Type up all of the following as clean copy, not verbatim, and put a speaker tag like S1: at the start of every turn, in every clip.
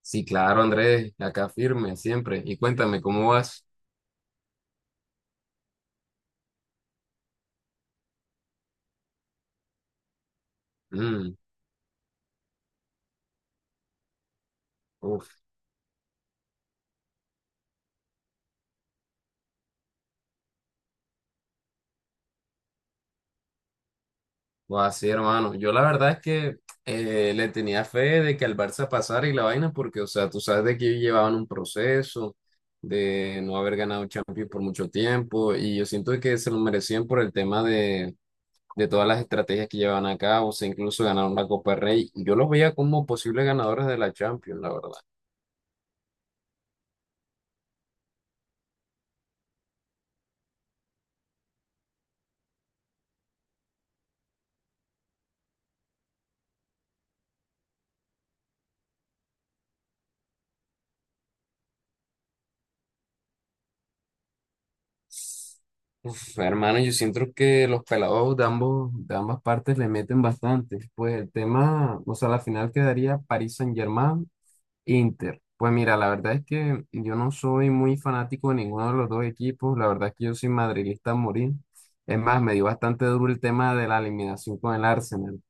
S1: Sí, claro, Andrés, acá firme siempre. Y cuéntame, ¿cómo vas? Mm, uf, Va así, hermano. Yo la verdad es que le tenía fe de que al Barça pasara y la vaina, porque, o sea, tú sabes de que ellos llevaban un proceso de no haber ganado Champions por mucho tiempo, y yo siento que se lo merecían por el tema de todas las estrategias que llevaban a cabo, o sea, incluso ganaron la Copa del Rey. Yo los veía como posibles ganadores de la Champions, la verdad. Uf, hermano, yo siento que los pelados de ambos, de ambas partes le meten bastante. Pues el tema, o sea, la final quedaría París Saint-Germain, Inter. Pues mira, la verdad es que yo no soy muy fanático de ninguno de los dos equipos. La verdad es que yo soy madridista a morir. Es más, me dio bastante duro el tema de la eliminación con el Arsenal.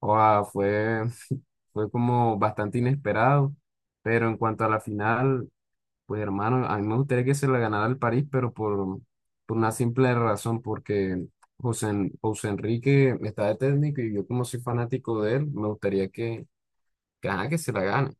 S1: O sea, fue, fue como bastante inesperado. Pero en cuanto a la final, pues hermano, a mí me gustaría que se la ganara el París, pero por una simple razón, porque José, José Enrique está de técnico y yo como soy fanático de él, me gustaría que, ajá, que se la gane.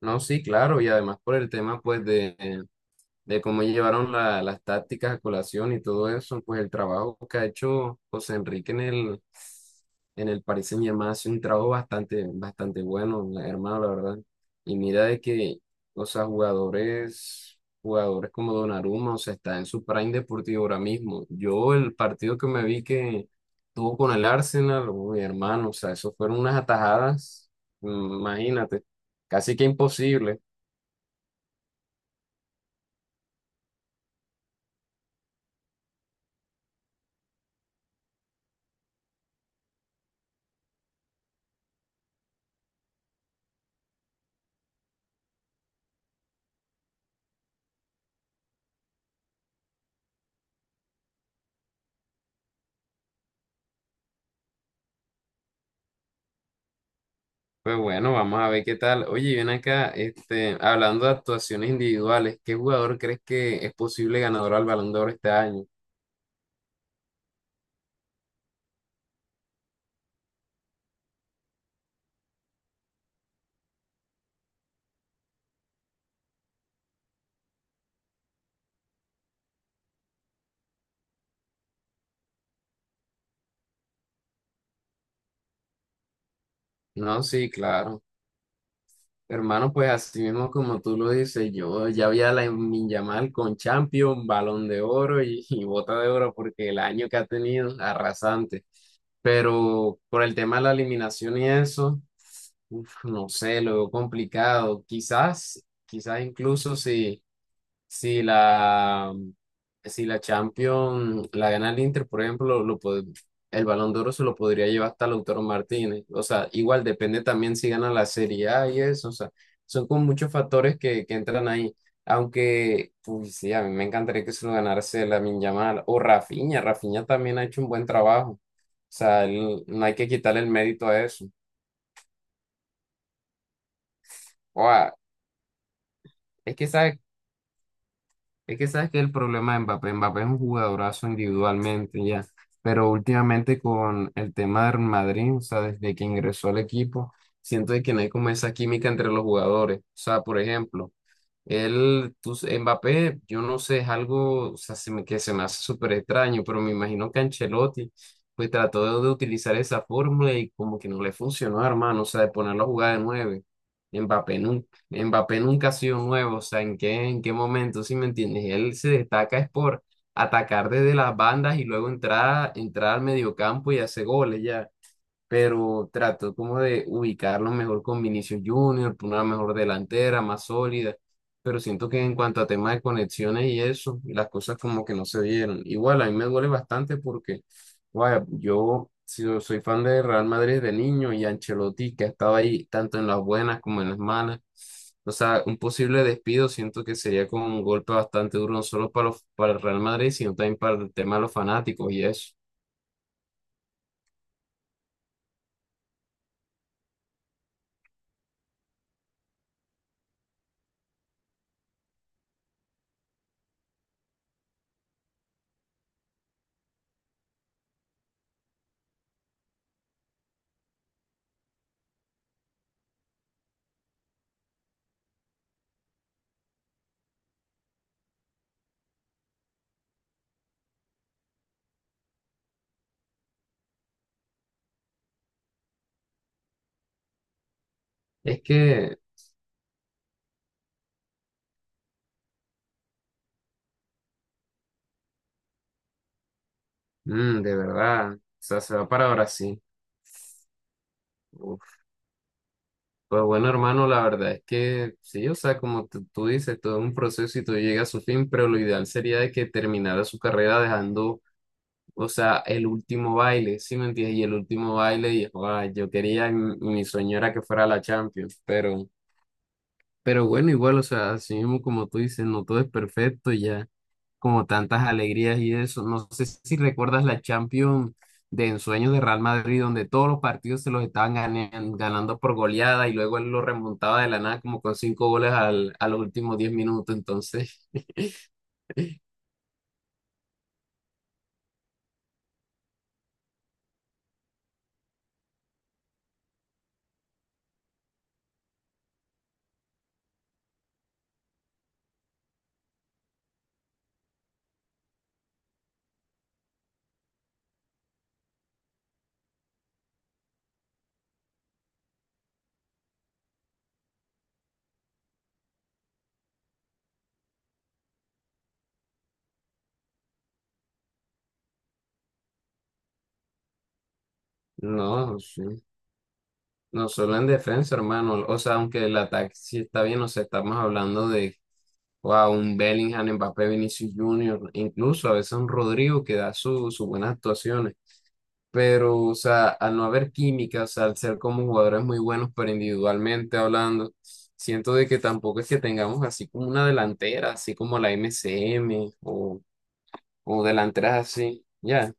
S1: No, sí, claro, y además por el tema pues de cómo llevaron las tácticas a colación y todo eso, pues el trabajo que ha hecho José Enrique en el Paris Saint-Germain ha sido un trabajo bastante, bastante bueno, hermano, la verdad. Y mira de que, o sea, jugadores, jugadores como Donnarumma, o sea, está en su prime deportivo ahora mismo. Yo el partido que me vi que tuvo con el Arsenal, mi hermano, o sea, eso fueron unas atajadas, mm, imagínate, casi que imposible. Pues bueno, vamos a ver qué tal. Oye, ven acá, este, hablando de actuaciones individuales, ¿qué jugador crees que es posible ganador al Balón de Oro este año? No, sí, claro. Hermano, pues así mismo como tú lo dices, yo ya vi a Lamine Yamal con Champions, Balón de Oro y Bota de Oro porque el año que ha tenido, arrasante. Pero por el tema de la eliminación y eso, uf, no sé, lo veo complicado. Quizás, quizás incluso Si la, si la Champions la gana el Inter, por ejemplo, el Balón de Oro se lo podría llevar hasta Lautaro Martínez. O sea, igual depende también si gana la Serie A y eso. O sea, son con muchos factores que entran ahí. Aunque, pues sí, a mí me encantaría que se lo ganase Lamine Yamal o Rafinha. Rafinha también ha hecho un buen trabajo. O sea, no hay que quitarle el mérito a eso. O a- es que, ¿sabes? Es que sabes que el problema de Mbappé es un jugadorazo individualmente ya, pero últimamente con el tema del Madrid, o sea, desde que ingresó al equipo, siento de que no hay como esa química entre los jugadores. O sea, por ejemplo, él, tú, Mbappé, yo no sé, es algo, o sea, que se me hace súper extraño, pero me imagino que Ancelotti, pues trató de utilizar esa fórmula y como que no le funcionó, hermano, o sea, de ponerlo a jugar de nueve. Mbappé nunca ha sido nuevo, o sea, ¿ en qué momento, si me entiendes? Él se destaca es por atacar desde las bandas y luego entrar al mediocampo y hacer goles ya, pero trato como de ubicarlo mejor con Vinicius Junior, por una mejor delantera, más sólida, pero siento que en cuanto a temas de conexiones y eso, las cosas como que no se dieron. Igual, a mí me duele bastante porque, vaya, yo si- yo soy fan de Real Madrid de niño y Ancelotti, que ha estado ahí tanto en las buenas como en las malas. O sea, un posible despido siento que sería como un golpe bastante duro, no solo para el Real Madrid, sino también para el tema de los fanáticos y eso. Es que mm, de verdad, o sea, se va para Brasil. Uf, pues bueno, hermano, la verdad es que sí, o sea, como tú dices, todo es un proceso y todo llega a su fin, pero lo ideal sería de que terminara su carrera dejando, o sea, el último baile, ¿sí me entiendes? Y el último baile, y joda, yo quería, mi sueño era que fuera la Champions, pero bueno, igual, o sea, así mismo como tú dices, no todo es perfecto ya, como tantas alegrías y eso. No sé si recuerdas la Champions de ensueños de Real Madrid, donde todos los partidos se los estaban ganando por goleada y luego él lo remontaba de la nada como con 5 goles a los últimos 10 minutos. Entonces, no, sí. No solo en defensa, hermano. O sea, aunque el ataque sí está bien, o sea, estamos hablando de wow, un Bellingham, Mbappé, Vinicius Junior, incluso a veces un Rodrigo que da sus buenas actuaciones, pero, o sea, al no haber química, o sea, al ser como jugadores muy buenos, pero individualmente hablando, siento de que tampoco es que tengamos así como una delantera, así como la MCM o delanteras así, ya.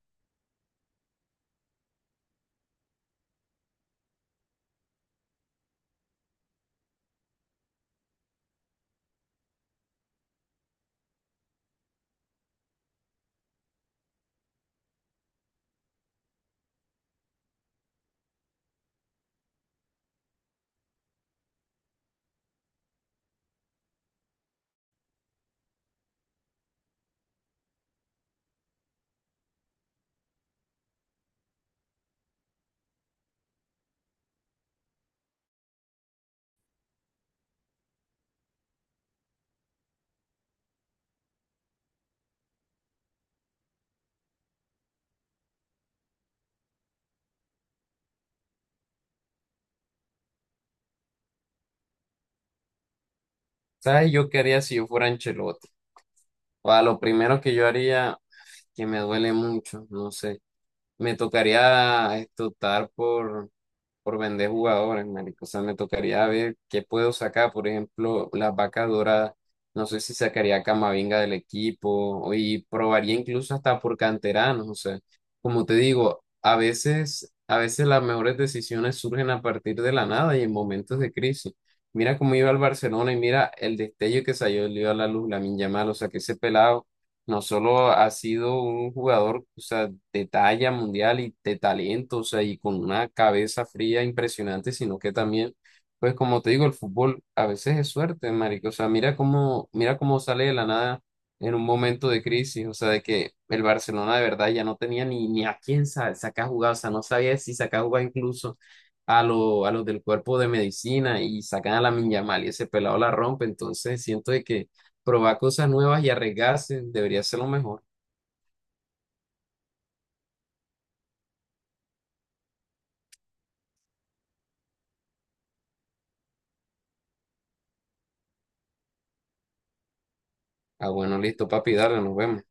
S1: ¿Sabes? Yo qué haría si yo fuera Ancelotti. O a lo primero que yo haría, que me duele mucho, no sé, me tocaría esto, optar por vender jugadores, marico. O sea, me tocaría ver qué puedo sacar. Por ejemplo, las vacas doradas. No sé si sacaría a Camavinga del equipo y probaría incluso hasta por canteranos. O sea, como te digo, a veces las mejores decisiones surgen a partir de la nada y en momentos de crisis. Mira cómo iba el Barcelona y mira el destello que salió, le dio a la luz, Lamine Yamal. O sea, que ese pelado no solo ha sido un jugador, o sea, de talla mundial y de talento, o sea, y con una cabeza fría impresionante, sino que también, pues como te digo, el fútbol a veces es suerte, marico. O sea, mira cómo sale de la nada en un momento de crisis, o sea, de que el Barcelona de verdad ya no tenía ni, ni a quién sacar jugar, o sea, no sabía si sacar jugar incluso a, lo, a los del cuerpo de medicina y sacan a la Yamal y ese pelado la rompe, entonces siento de que probar cosas nuevas y arriesgarse debería ser lo mejor. Ah, bueno, listo, papi, dale, nos vemos.